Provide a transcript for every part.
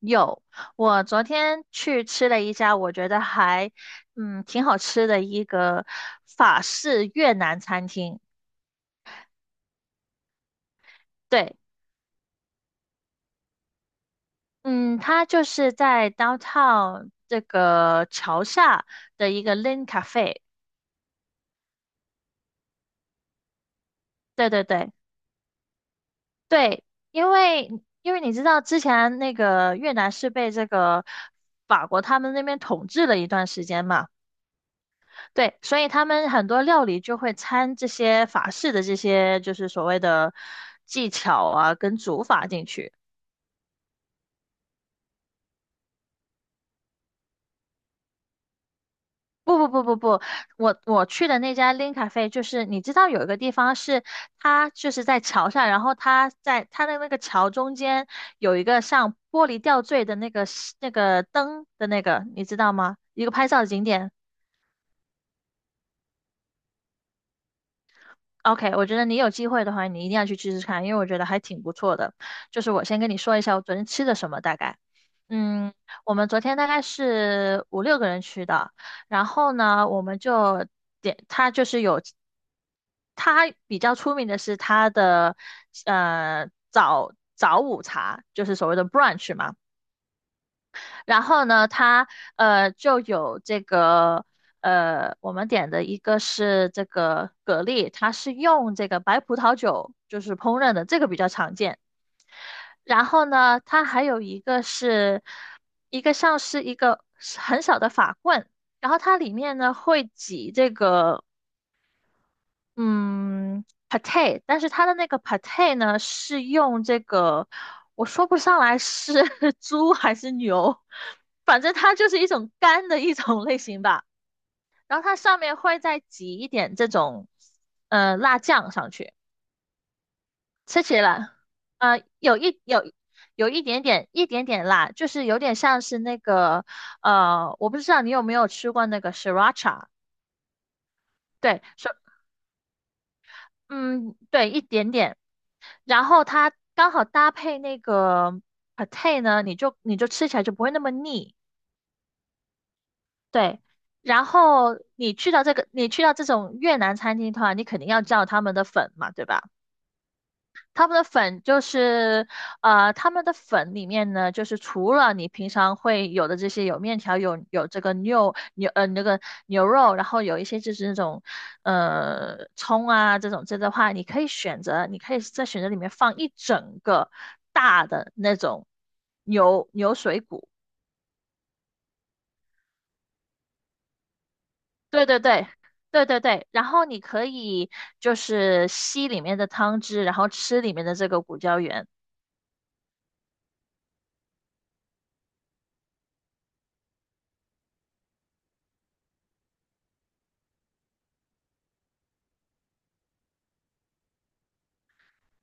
有，我昨天去吃了一家，我觉得还，挺好吃的一个法式越南餐厅。对，嗯，它就是在 downtown 这个桥下的一个 Lin Cafe。对对对对，因为你知道之前那个越南是被这个法国他们那边统治了一段时间嘛。对，所以他们很多料理就会掺这些法式的这些，就是所谓的技巧啊，跟煮法进去。不不不不不，我去的那家 Lin Cafe,就是你知道有一个地方是它就是在桥上，然后它在它的那个桥中间有一个像玻璃吊坠的那个灯的那个，你知道吗？一个拍照的景点。OK,我觉得你有机会的话，你一定要去吃吃看，因为我觉得还挺不错的。就是我先跟你说一下我昨天吃的什么，大概。嗯，我们昨天大概是五六个人去的，然后呢，我们就点，它就是有，它比较出名的是它的早午茶，就是所谓的 brunch 嘛。然后呢，它就有这个我们点的一个是这个蛤蜊，它是用这个白葡萄酒就是烹饪的，这个比较常见。然后呢，它还有一个是一个像是一个很小的法棍，然后它里面呢会挤这个嗯，pate,但是它的那个 pate 呢，是用这个，我说不上来是 猪还是牛，反正它就是一种干的一种类型吧。然后它上面会再挤一点这种，辣酱上去，吃起来，呃，有一有有一点点辣，就是有点像是那个，呃，我不知道你有没有吃过那个 sriracha。对嗯，对，一点点。然后它刚好搭配那个 pate 呢，你就吃起来就不会那么腻。对，然后你去到这个，你去到这种越南餐厅的话，你肯定要叫他们的粉嘛，对吧？他们的粉就是，呃，他们的粉里面呢，就是除了你平常会有的这些，有面条，有这个牛牛呃那个牛肉，然后有一些就是那种葱啊这种这的话，你可以选择，你可以在选择里面放一整个大的那种牛水骨，对对对。对对对，然后你可以就是吸里面的汤汁，然后吃里面的这个骨胶原。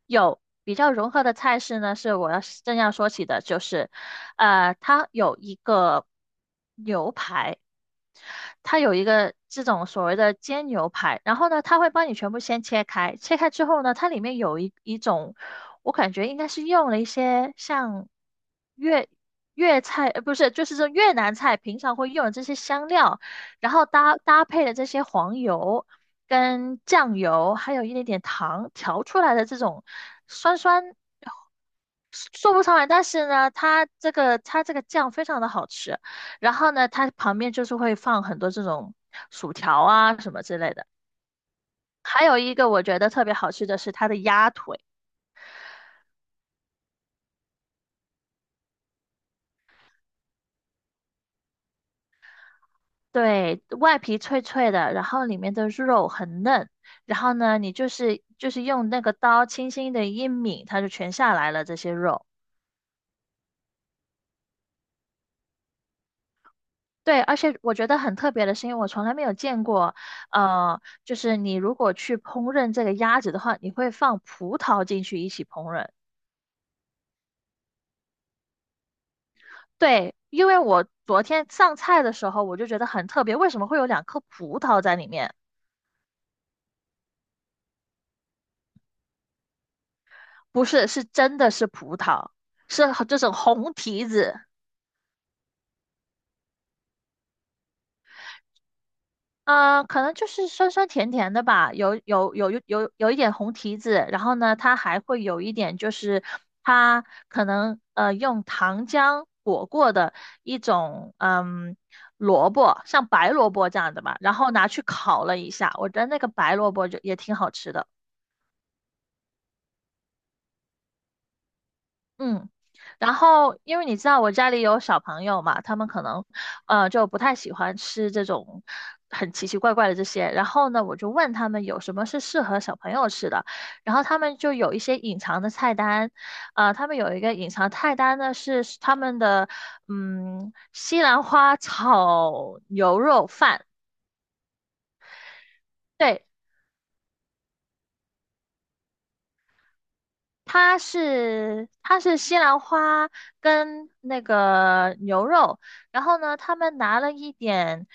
有比较融合的菜式呢，是我要正要说起的，就是，呃，它有一个牛排，它有一个这种所谓的煎牛排，然后呢，它会帮你全部先切开，切开之后呢，它里面有一种，我感觉应该是用了一些像粤粤菜，呃，不是，就是这越南菜平常会用的这些香料，然后搭配的这些黄油跟酱油，还有一点点糖调出来的这种酸酸说不上来，但是呢，它这个酱非常的好吃，然后呢，它旁边就是会放很多这种薯条啊什么之类的。还有一个我觉得特别好吃的是它的鸭腿，对，外皮脆脆的，然后里面的肉很嫩，然后呢，你就是用那个刀轻轻的一抿，它就全下来了这些肉。对，而且我觉得很特别的是，因为我从来没有见过，呃，就是你如果去烹饪这个鸭子的话，你会放葡萄进去一起烹饪。对，因为我昨天上菜的时候，我就觉得很特别，为什么会有两颗葡萄在里面？不是，是真的是葡萄，是这种红提子。啊、可能就是酸酸甜甜的吧，有一点红提子，然后呢，它还会有一点就是它可能用糖浆裹过的一种萝卜，像白萝卜这样的吧，然后拿去烤了一下，我觉得那个白萝卜就也挺好吃的。嗯，然后因为你知道我家里有小朋友嘛，他们可能就不太喜欢吃这种很奇奇怪怪的这些。然后呢，我就问他们有什么是适合小朋友吃的，然后他们就有一些隐藏的菜单，呃，他们有一个隐藏菜单呢是他们的西兰花炒牛肉饭。对，它是西兰花跟那个牛肉，然后呢，他们拿了一点，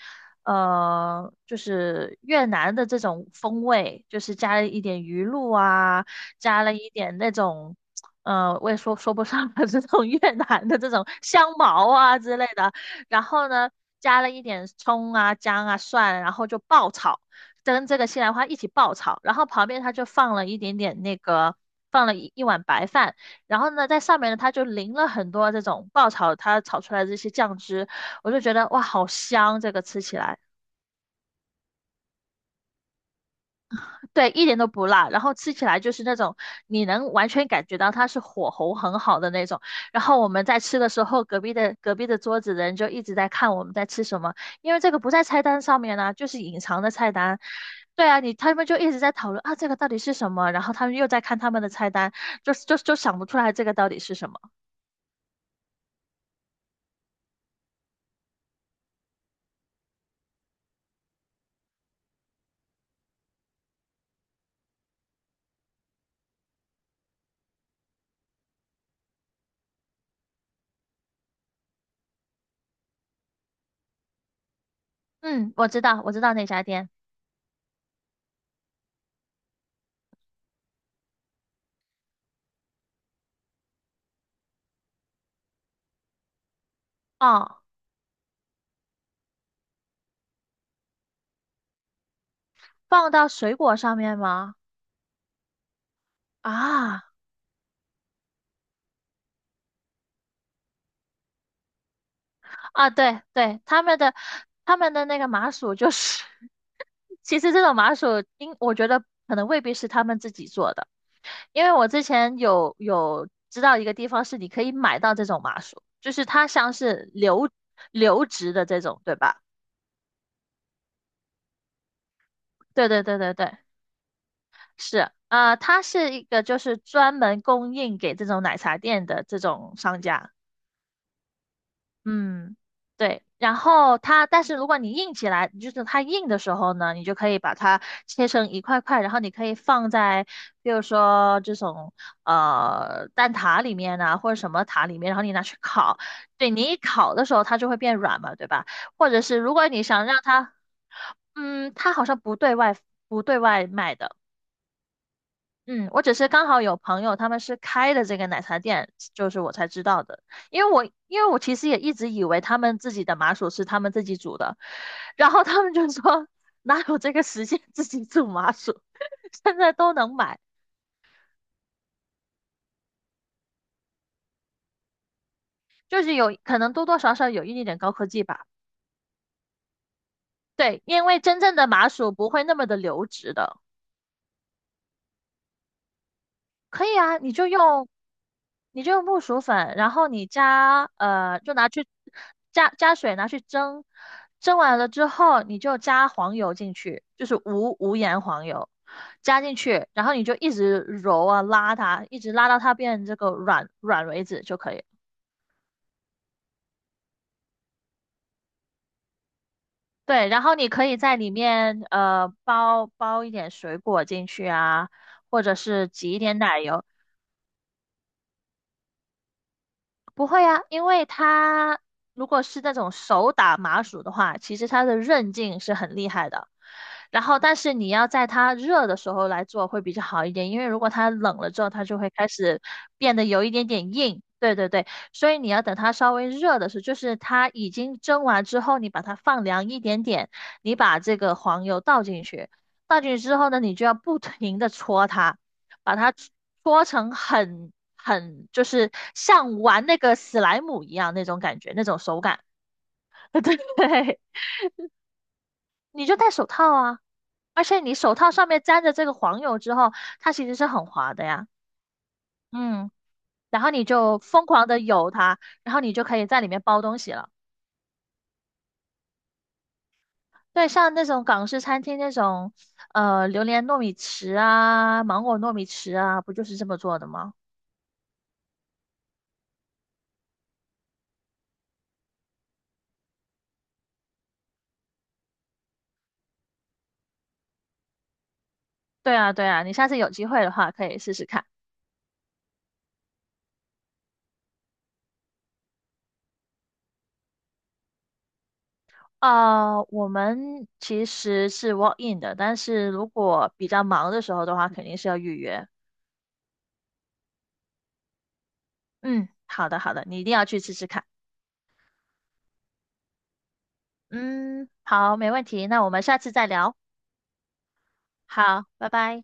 呃，就是越南的这种风味，就是加了一点鱼露啊，加了一点那种，呃，我也说不上来 这种越南的这种香茅啊之类的，然后呢，加了一点葱啊、姜啊、蒜，然后就爆炒。跟这个西兰花一起爆炒，然后旁边它就放了一点点那个。放了一碗白饭，然后呢，在上面呢，它就淋了很多这种爆炒它炒出来的这些酱汁，我就觉得哇，好香！这个吃起来，对，一点都不辣，然后吃起来就是那种你能完全感觉到它是火候很好的那种。然后我们在吃的时候，隔壁的桌子的人就一直在看我们在吃什么，因为这个不在菜单上面呢、就是隐藏的菜单。对啊，你他们就一直在讨论啊，这个到底是什么？然后他们又在看他们的菜单，就想不出来这个到底是什么。嗯，我知道，我知道那家店。哦，放到水果上面吗？啊啊，对对，他们的那个麻薯就是 其实这种麻薯，我觉得可能未必是他们自己做的，因为我之前有知道一个地方是你可以买到这种麻薯，就是它像是流质的这种，对吧？对对对对对，是，啊，它是一个就是专门供应给这种奶茶店的这种商家。嗯，对。然后它，但是如果你硬起来，就是它硬的时候呢，你就可以把它切成一块块，然后你可以放在，比如说这种蛋挞里面啊，或者什么塔里面，然后你拿去烤。对，你一烤的时候，它就会变软嘛，对吧？或者是如果你想让它，嗯，它好像不对外不对外卖的。嗯，我只是刚好有朋友他们是开的这个奶茶店，就是我才知道的。因为我其实也一直以为他们自己的麻薯是他们自己煮的，然后他们就说哪有这个时间自己煮麻薯，现在都能买，就是有可能多多少少有一点点高科技吧。对，因为真正的麻薯不会那么的流质的。可以啊，你就用木薯粉，然后你加呃，就拿去加水拿去蒸，蒸完了之后你就加黄油进去，就是无盐黄油加进去，然后你就一直揉啊拉它，一直拉到它变这个软软为止就可以了。对，然后你可以在里面呃包一点水果进去啊，或者是挤一点奶油。不会啊，因为它如果是那种手打麻薯的话，其实它的韧劲是很厉害的。然后，但是你要在它热的时候来做会比较好一点，因为如果它冷了之后，它就会开始变得有一点点硬。对对对，所以你要等它稍微热的时候，就是它已经蒸完之后，你把它放凉一点点，你把这个黄油倒进去，倒进去之后呢，你就要不停的搓它。把它搓成很就是像玩那个史莱姆一样那种感觉，那种手感。对，你就戴手套啊，而且你手套上面沾着这个黄油之后，它其实是很滑的呀。嗯，然后你就疯狂的游它，然后你就可以在里面包东西了。对，像那种港式餐厅那种，呃，榴莲糯米糍啊，芒果糯米糍啊，不就是这么做的吗？对啊，对啊，你下次有机会的话可以试试看。啊，我们其实是 walk in 的，但是如果比较忙的时候的话，肯定是要预约。嗯，好的好的，你一定要去吃吃看。嗯，好，没问题，那我们下次再聊。好，拜拜。